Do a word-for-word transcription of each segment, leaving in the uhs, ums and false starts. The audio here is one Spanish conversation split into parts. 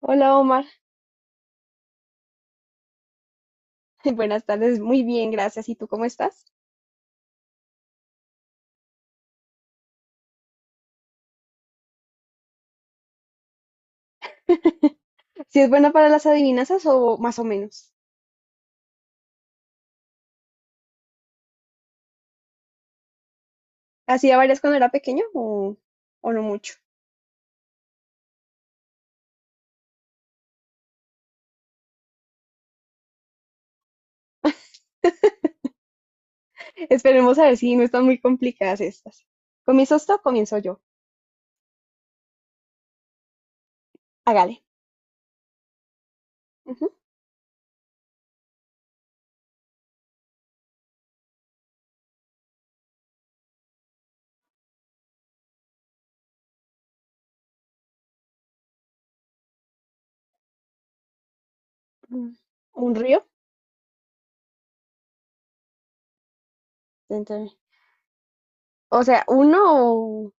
Hola Omar, buenas tardes, muy bien, gracias. ¿Y tú cómo estás? ¿Si es buena para las adivinanzas o más o menos? ¿Hacía varias cuando era pequeño o, o no mucho? Esperemos a ver si no están muy complicadas estas. ¿Comienzas tú o comienzo yo? Hágale. Ujú. Mm. ¿Un río? Entonces, o sea, ¿uno o,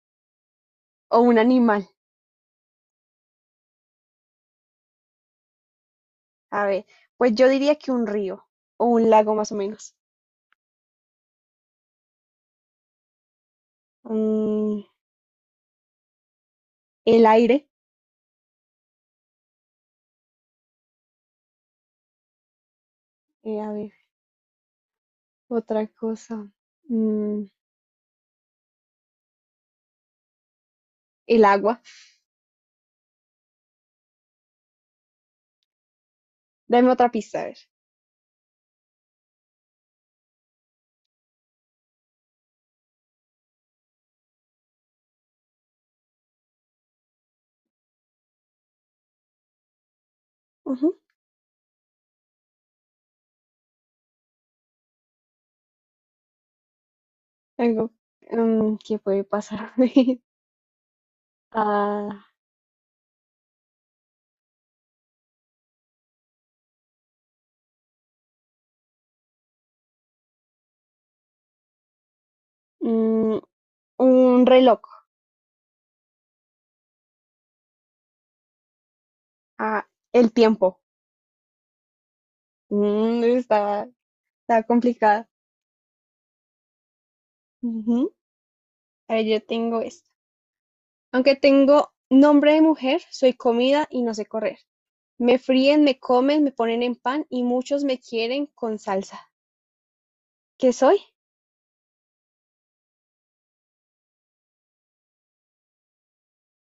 o un animal? A ver, pues yo diría que un río o un lago más o menos. Mm, el aire. Eh, a ver, otra cosa. Mm, el agua. Dame otra pista, a ver. Ujú. Algo, mm, que puede pasar a mm, un reloj, a el tiempo. Mm, está, está complicada. Ujú. A ver, yo tengo esta. Aunque tengo nombre de mujer, soy comida y no sé correr. Me fríen, me comen, me ponen en pan y muchos me quieren con salsa. ¿Qué soy?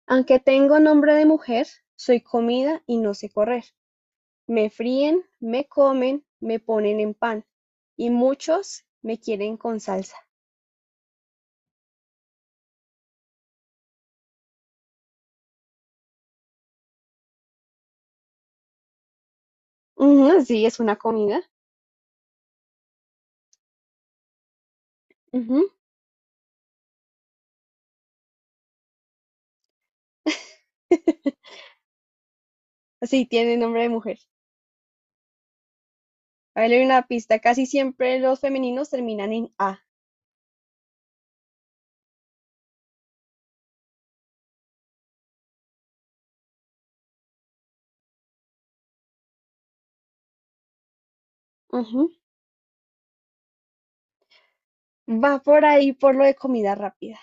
Aunque tengo nombre de mujer, soy comida y no sé correr. Me fríen, me comen, me ponen en pan y muchos me quieren con salsa. Ujú, sí, es una comida. Ujú. Sí, tiene nombre de mujer. A ver, le una pista. Casi siempre los femeninos terminan en A. Ujú. Va por ahí por lo de comida rápida.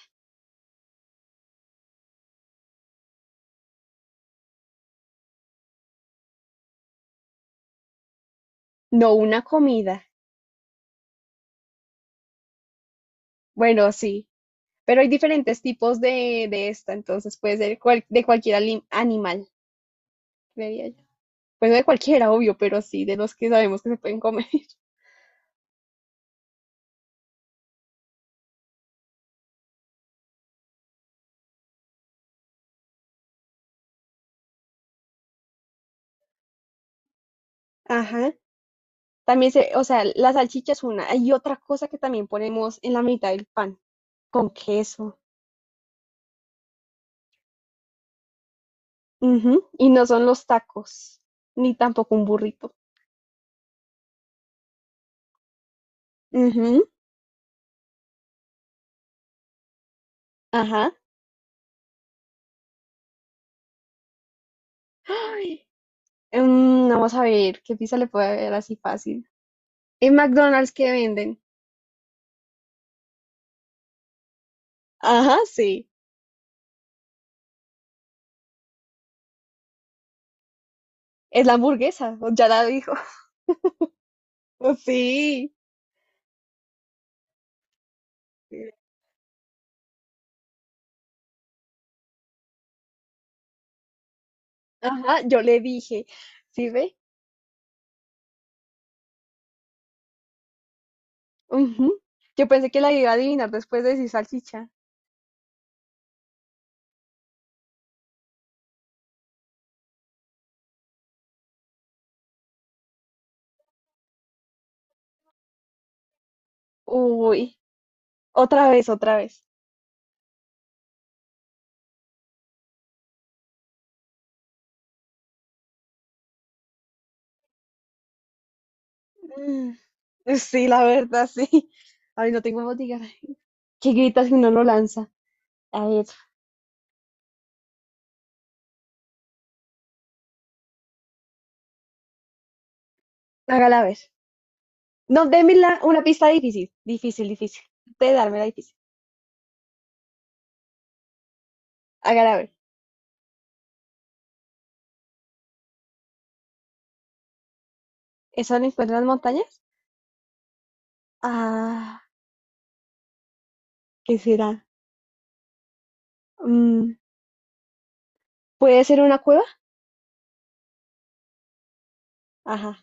No una comida. Bueno, sí. Pero hay diferentes tipos de, de esta, entonces puede ser cual- de cualquier ali- animal, creería yo. Pues no de cualquiera, obvio, pero sí, de los que sabemos que se pueden comer. Ajá. También se, o sea, la salchicha es una. Hay otra cosa que también ponemos en la mitad del pan, con queso. Ujú. Y no son los tacos, ni tampoco un burrito. Ujú. Ajá. Ay, mm, no, vamos a ver, ¿qué pizza le puede haber así fácil? En McDonald's que venden. Ajá, sí. Es la hamburguesa, o ya la dijo. Sí. Ajá, yo le dije. ¿Sí ve? Ujú. Yo pensé que la iba a adivinar después de decir salchicha. Uy, otra vez, otra vez. Mm, sí, la verdad, sí. Ay, no tengo botiquín. ¿Qué gritas si uno lo lanza? A ver, hágala ver. No, déme la- una pista difícil. Difícil, difícil. Usted dármela difícil. Hágala ver. ¿Eso lo encuentra en las montañas? Ah, ¿qué será? Mm, ¿puede ser una cueva? Ajá.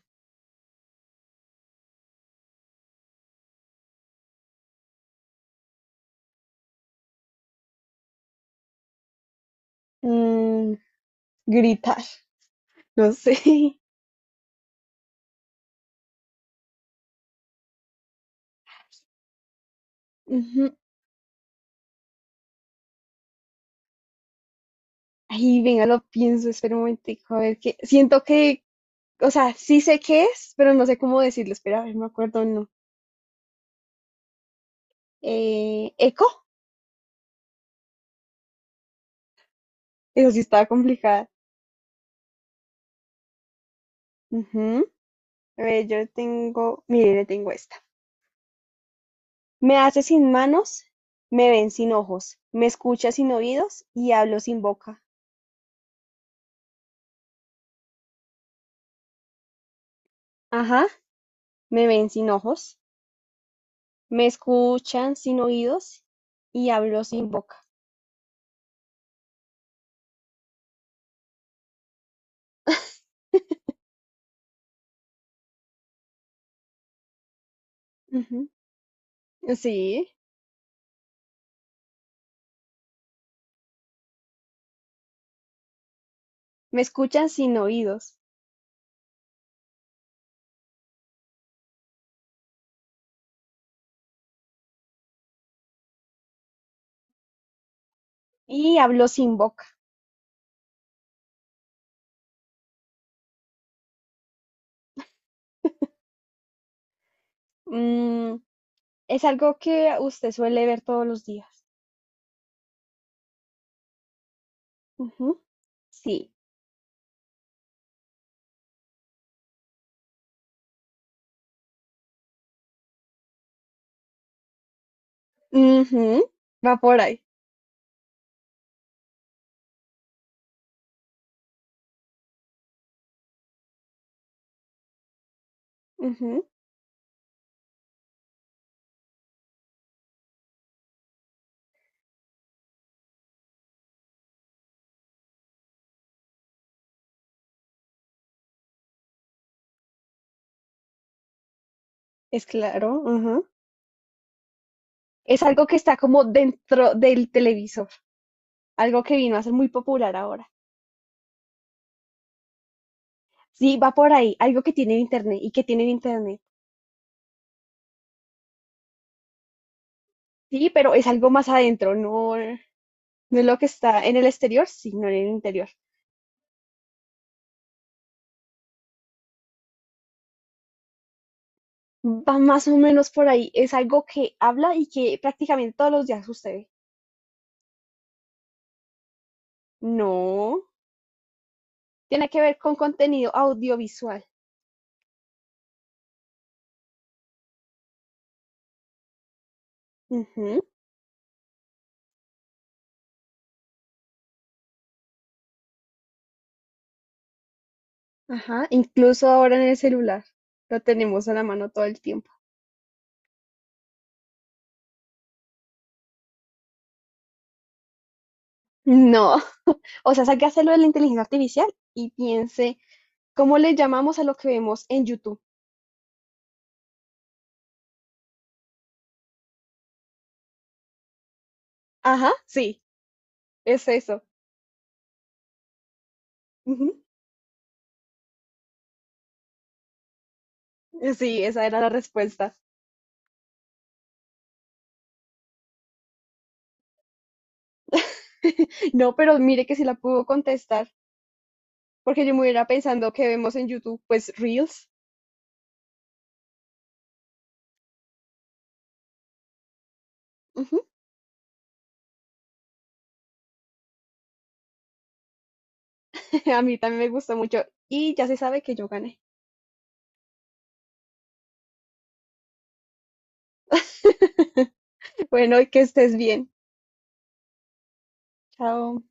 Mm, gritar. No sé. Ujú. Ay, venga, lo pienso. Espera un momentico. A ver qué. Siento que. O sea, sí sé qué es, pero no sé cómo decirlo. Espera, a ver, me acuerdo no. Eh, eco, eso sí estaba complicada. Ujú. A ver, yo tengo, mire, le tengo esta. Me hace sin manos, me ven sin ojos, me escucha sin oídos y hablo sin boca. Ajá, me ven sin ojos, me escuchan sin oídos y hablo sin boca. Ujú. Sí, me escuchan sin oídos y hablo sin boca. Mm, es algo que usted suele ver todos los días. Ujú. Sí. Ujú. Va por ahí. Ujú. Es claro, ujú. Es algo que está como dentro del televisor, algo que vino a ser muy popular ahora. Sí, va por ahí, algo que tiene internet y que tiene internet. Sí, pero es algo más adentro, no, no es lo que está en el exterior, sino en el interior. Va más o menos por ahí, es algo que habla y que prácticamente todos los días sucede. No, tiene que ver con contenido audiovisual. Ujú. Ajá, incluso ahora en el celular lo tenemos a la mano todo el tiempo. No. O sea, saque a hacerlo de la inteligencia artificial y piense, ¿cómo le llamamos a lo que vemos en YouTube? Ajá, sí, es eso. Ujú. Sí, esa era la respuesta. No, pero mire que sí la pudo contestar, porque yo me hubiera pensando que vemos en YouTube, pues Reels. Ujú. A mí también me gustó mucho y ya se sabe que yo gané. Bueno, y que estés bien. Chao.